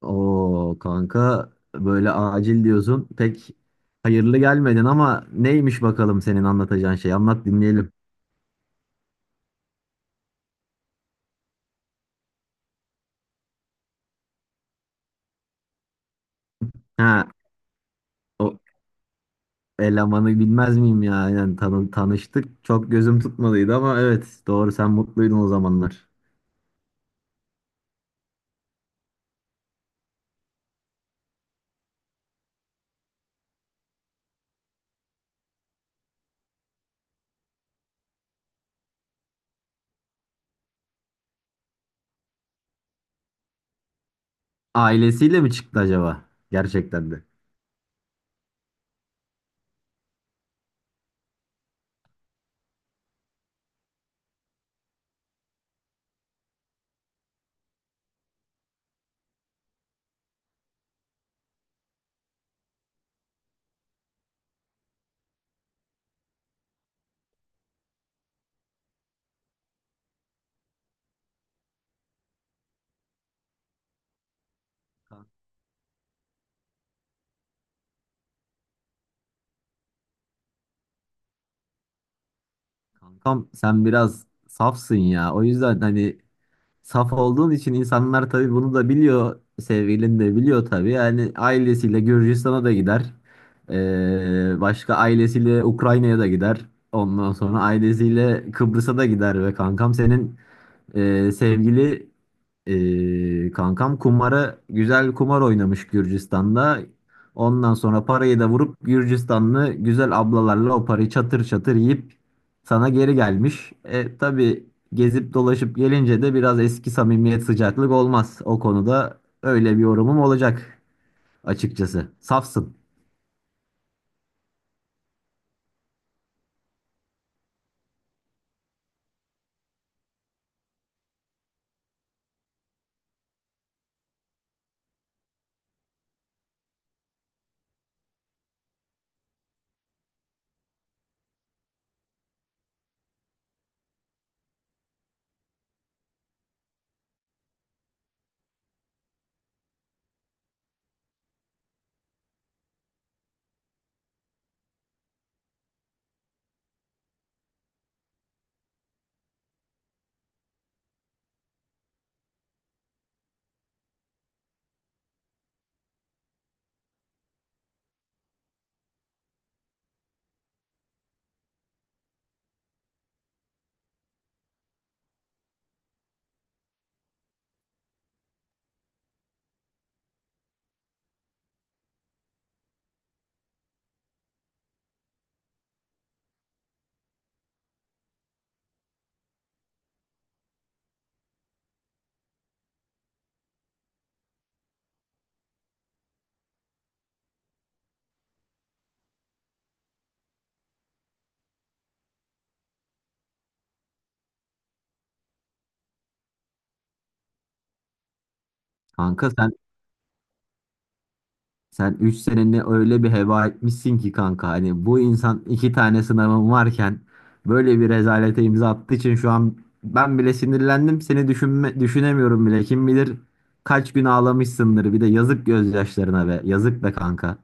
Oo kanka böyle acil diyorsun. Pek hayırlı gelmedin ama neymiş bakalım senin anlatacağın şey? Anlat dinleyelim. Ha, o elemanı bilmez miyim ya? Aynen tanıştık. Çok gözüm tutmadıydı ama evet, doğru, sen mutluydun o zamanlar. Ailesiyle mi çıktı acaba? Gerçekten de. Kankam sen biraz safsın ya. O yüzden hani saf olduğun için insanlar tabii bunu da biliyor. Sevgilin de biliyor tabii. Yani ailesiyle Gürcistan'a da gider. Başka ailesiyle Ukrayna'ya da gider. Ondan sonra ailesiyle Kıbrıs'a da gider ve kankam senin sevgili kankam kumara güzel kumar oynamış Gürcistan'da. Ondan sonra parayı da vurup Gürcistanlı güzel ablalarla o parayı çatır çatır yiyip sana geri gelmiş. Tabii gezip dolaşıp gelince de biraz eski samimiyet sıcaklık olmaz. O konuda öyle bir yorumum olacak açıkçası. Safsın kanka sen. Sen 3 seneni öyle bir heba etmişsin ki kanka, hani bu insan iki tane sınavım varken böyle bir rezalete imza attığı için şu an ben bile sinirlendim. Seni düşünemiyorum bile, kim bilir kaç gün ağlamışsındır. Bir de yazık gözyaşlarına, be yazık be kanka.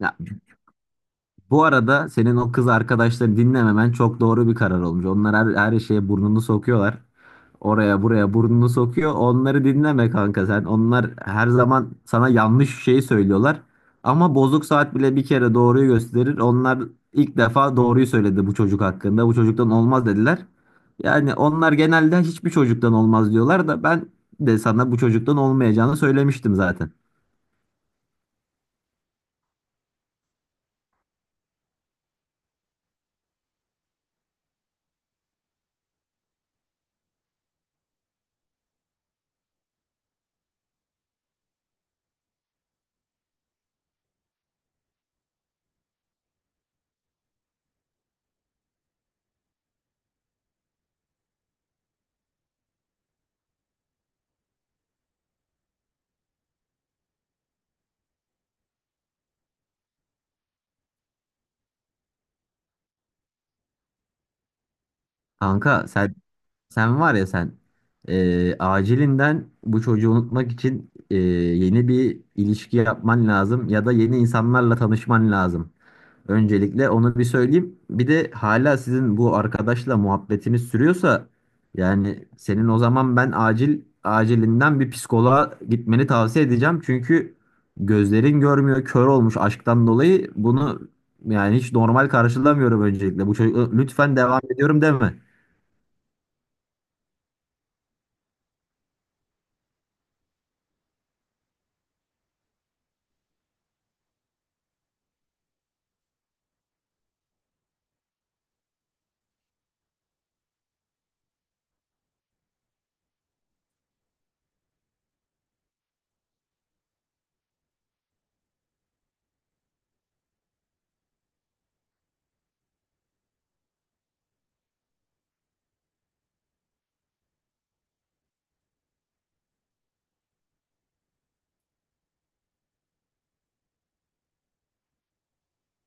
Ya, bu arada senin o kız arkadaşları dinlememen çok doğru bir karar olmuş. Onlar her şeye burnunu sokuyorlar. Oraya buraya burnunu sokuyor. Onları dinleme kanka sen. Onlar her zaman sana yanlış şeyi söylüyorlar. Ama bozuk saat bile bir kere doğruyu gösterir. Onlar ilk defa doğruyu söyledi bu çocuk hakkında. Bu çocuktan olmaz dediler. Yani onlar genelde hiçbir çocuktan olmaz diyorlar da ben de sana bu çocuktan olmayacağını söylemiştim zaten. Kanka sen. Sen var ya sen, acilinden bu çocuğu unutmak için yeni bir ilişki yapman lazım ya da yeni insanlarla tanışman lazım. Öncelikle onu bir söyleyeyim. Bir de hala sizin bu arkadaşla muhabbetiniz sürüyorsa yani senin o zaman ben acil acilinden bir psikoloğa gitmeni tavsiye edeceğim. Çünkü gözlerin görmüyor, kör olmuş aşktan dolayı. Bunu yani hiç normal karşılamıyorum öncelikle. Bu çocuk lütfen, devam ediyorum deme.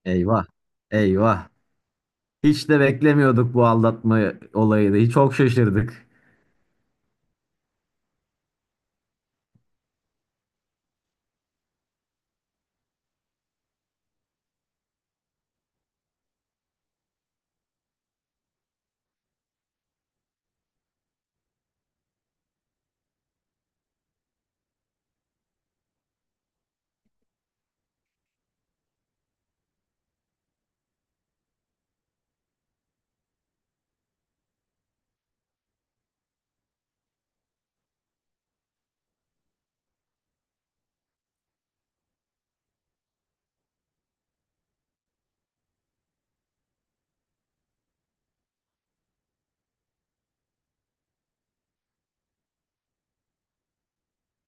Eyvah. Eyvah. Hiç de beklemiyorduk bu aldatma olayını. Çok şaşırdık.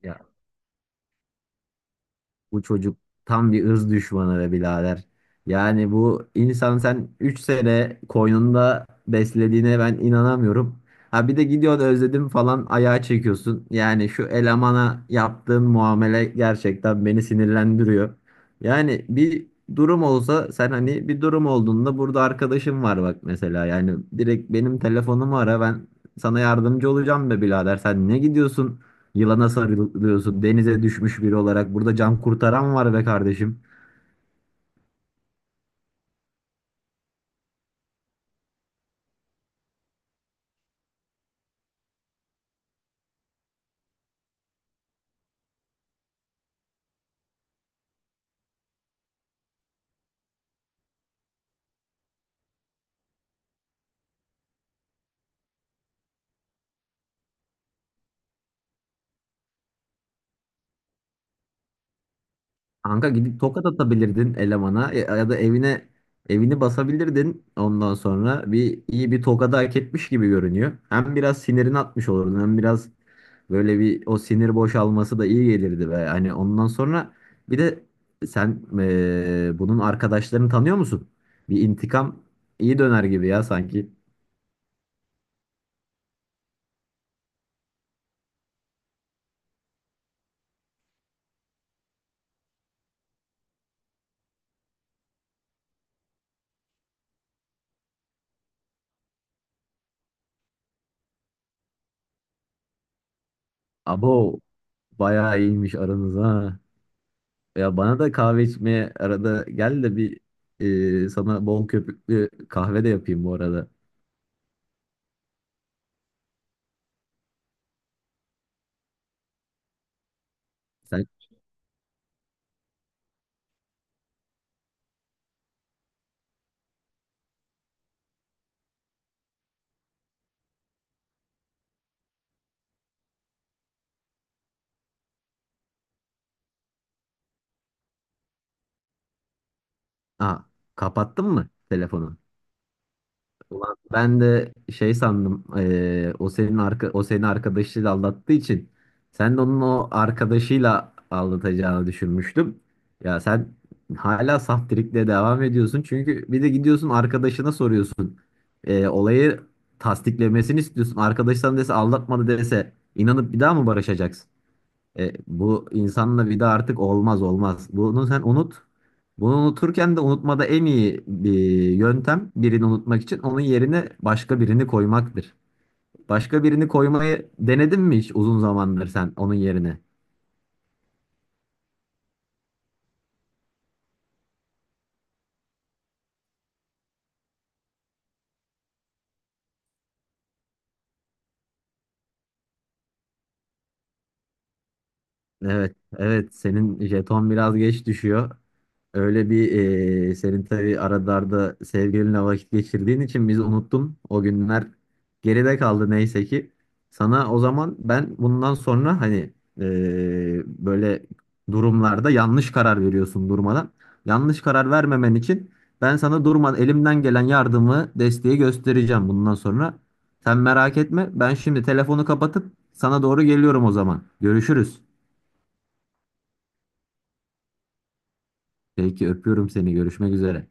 Ya, bu çocuk tam bir ırz düşmanı be birader. Yani bu insan, sen 3 sene koynunda beslediğine ben inanamıyorum. Ha bir de gidiyorsun özledim falan ayağa çekiyorsun. Yani şu elemana yaptığın muamele gerçekten beni sinirlendiriyor. Yani bir durum olsa sen hani bir durum olduğunda burada arkadaşım var bak mesela. Yani direkt benim telefonumu ara, ben sana yardımcı olacağım be birader. Sen ne gidiyorsun? Yılana sarılıyorsun. Denize düşmüş biri olarak. Burada can kurtaran var be kardeşim. Kanka, gidip tokat atabilirdin elemana, ya ya da evini basabilirdin. Ondan sonra bir iyi bir tokadı hak etmiş gibi görünüyor. Hem biraz sinirini atmış olurdun hem biraz böyle bir o sinir boşalması da iyi gelirdi be. Hani ondan sonra bir de sen, bunun arkadaşlarını tanıyor musun? Bir intikam iyi döner gibi ya sanki. Abo, bayağı iyiymiş aranız ha. Ya bana da kahve içmeye arada gel de sana bol köpüklü kahve de yapayım bu arada. Sen Aa, kapattın mı telefonu? Ulan ben de şey sandım, o senin arkadaşıyla aldattığı için sen de onun o arkadaşıyla aldatacağını düşünmüştüm. Ya sen hala saf trikle devam ediyorsun çünkü bir de gidiyorsun arkadaşına soruyorsun. Olayı tasdiklemesini istiyorsun. Arkadaştan dese aldatmadı dese inanıp bir daha mı barışacaksın? Bu insanla vida artık olmaz olmaz. Bunu sen unut. Bunu unuturken de unutmada en iyi bir yöntem, birini unutmak için onun yerine başka birini koymaktır. Başka birini koymayı denedin mi hiç uzun zamandır sen onun yerine? Evet, evet, senin jeton biraz geç düşüyor. Öyle bir senin tabii aralarda sevgilinle vakit geçirdiğin için biz unuttum. O günler geride kaldı neyse ki. Sana o zaman ben bundan sonra hani böyle durumlarda yanlış karar veriyorsun durmadan. Yanlış karar vermemen için ben sana durmadan elimden gelen yardımı, desteği göstereceğim bundan sonra. Sen merak etme. Ben şimdi telefonu kapatıp sana doğru geliyorum o zaman. Görüşürüz. Peki, öpüyorum seni. Görüşmek üzere.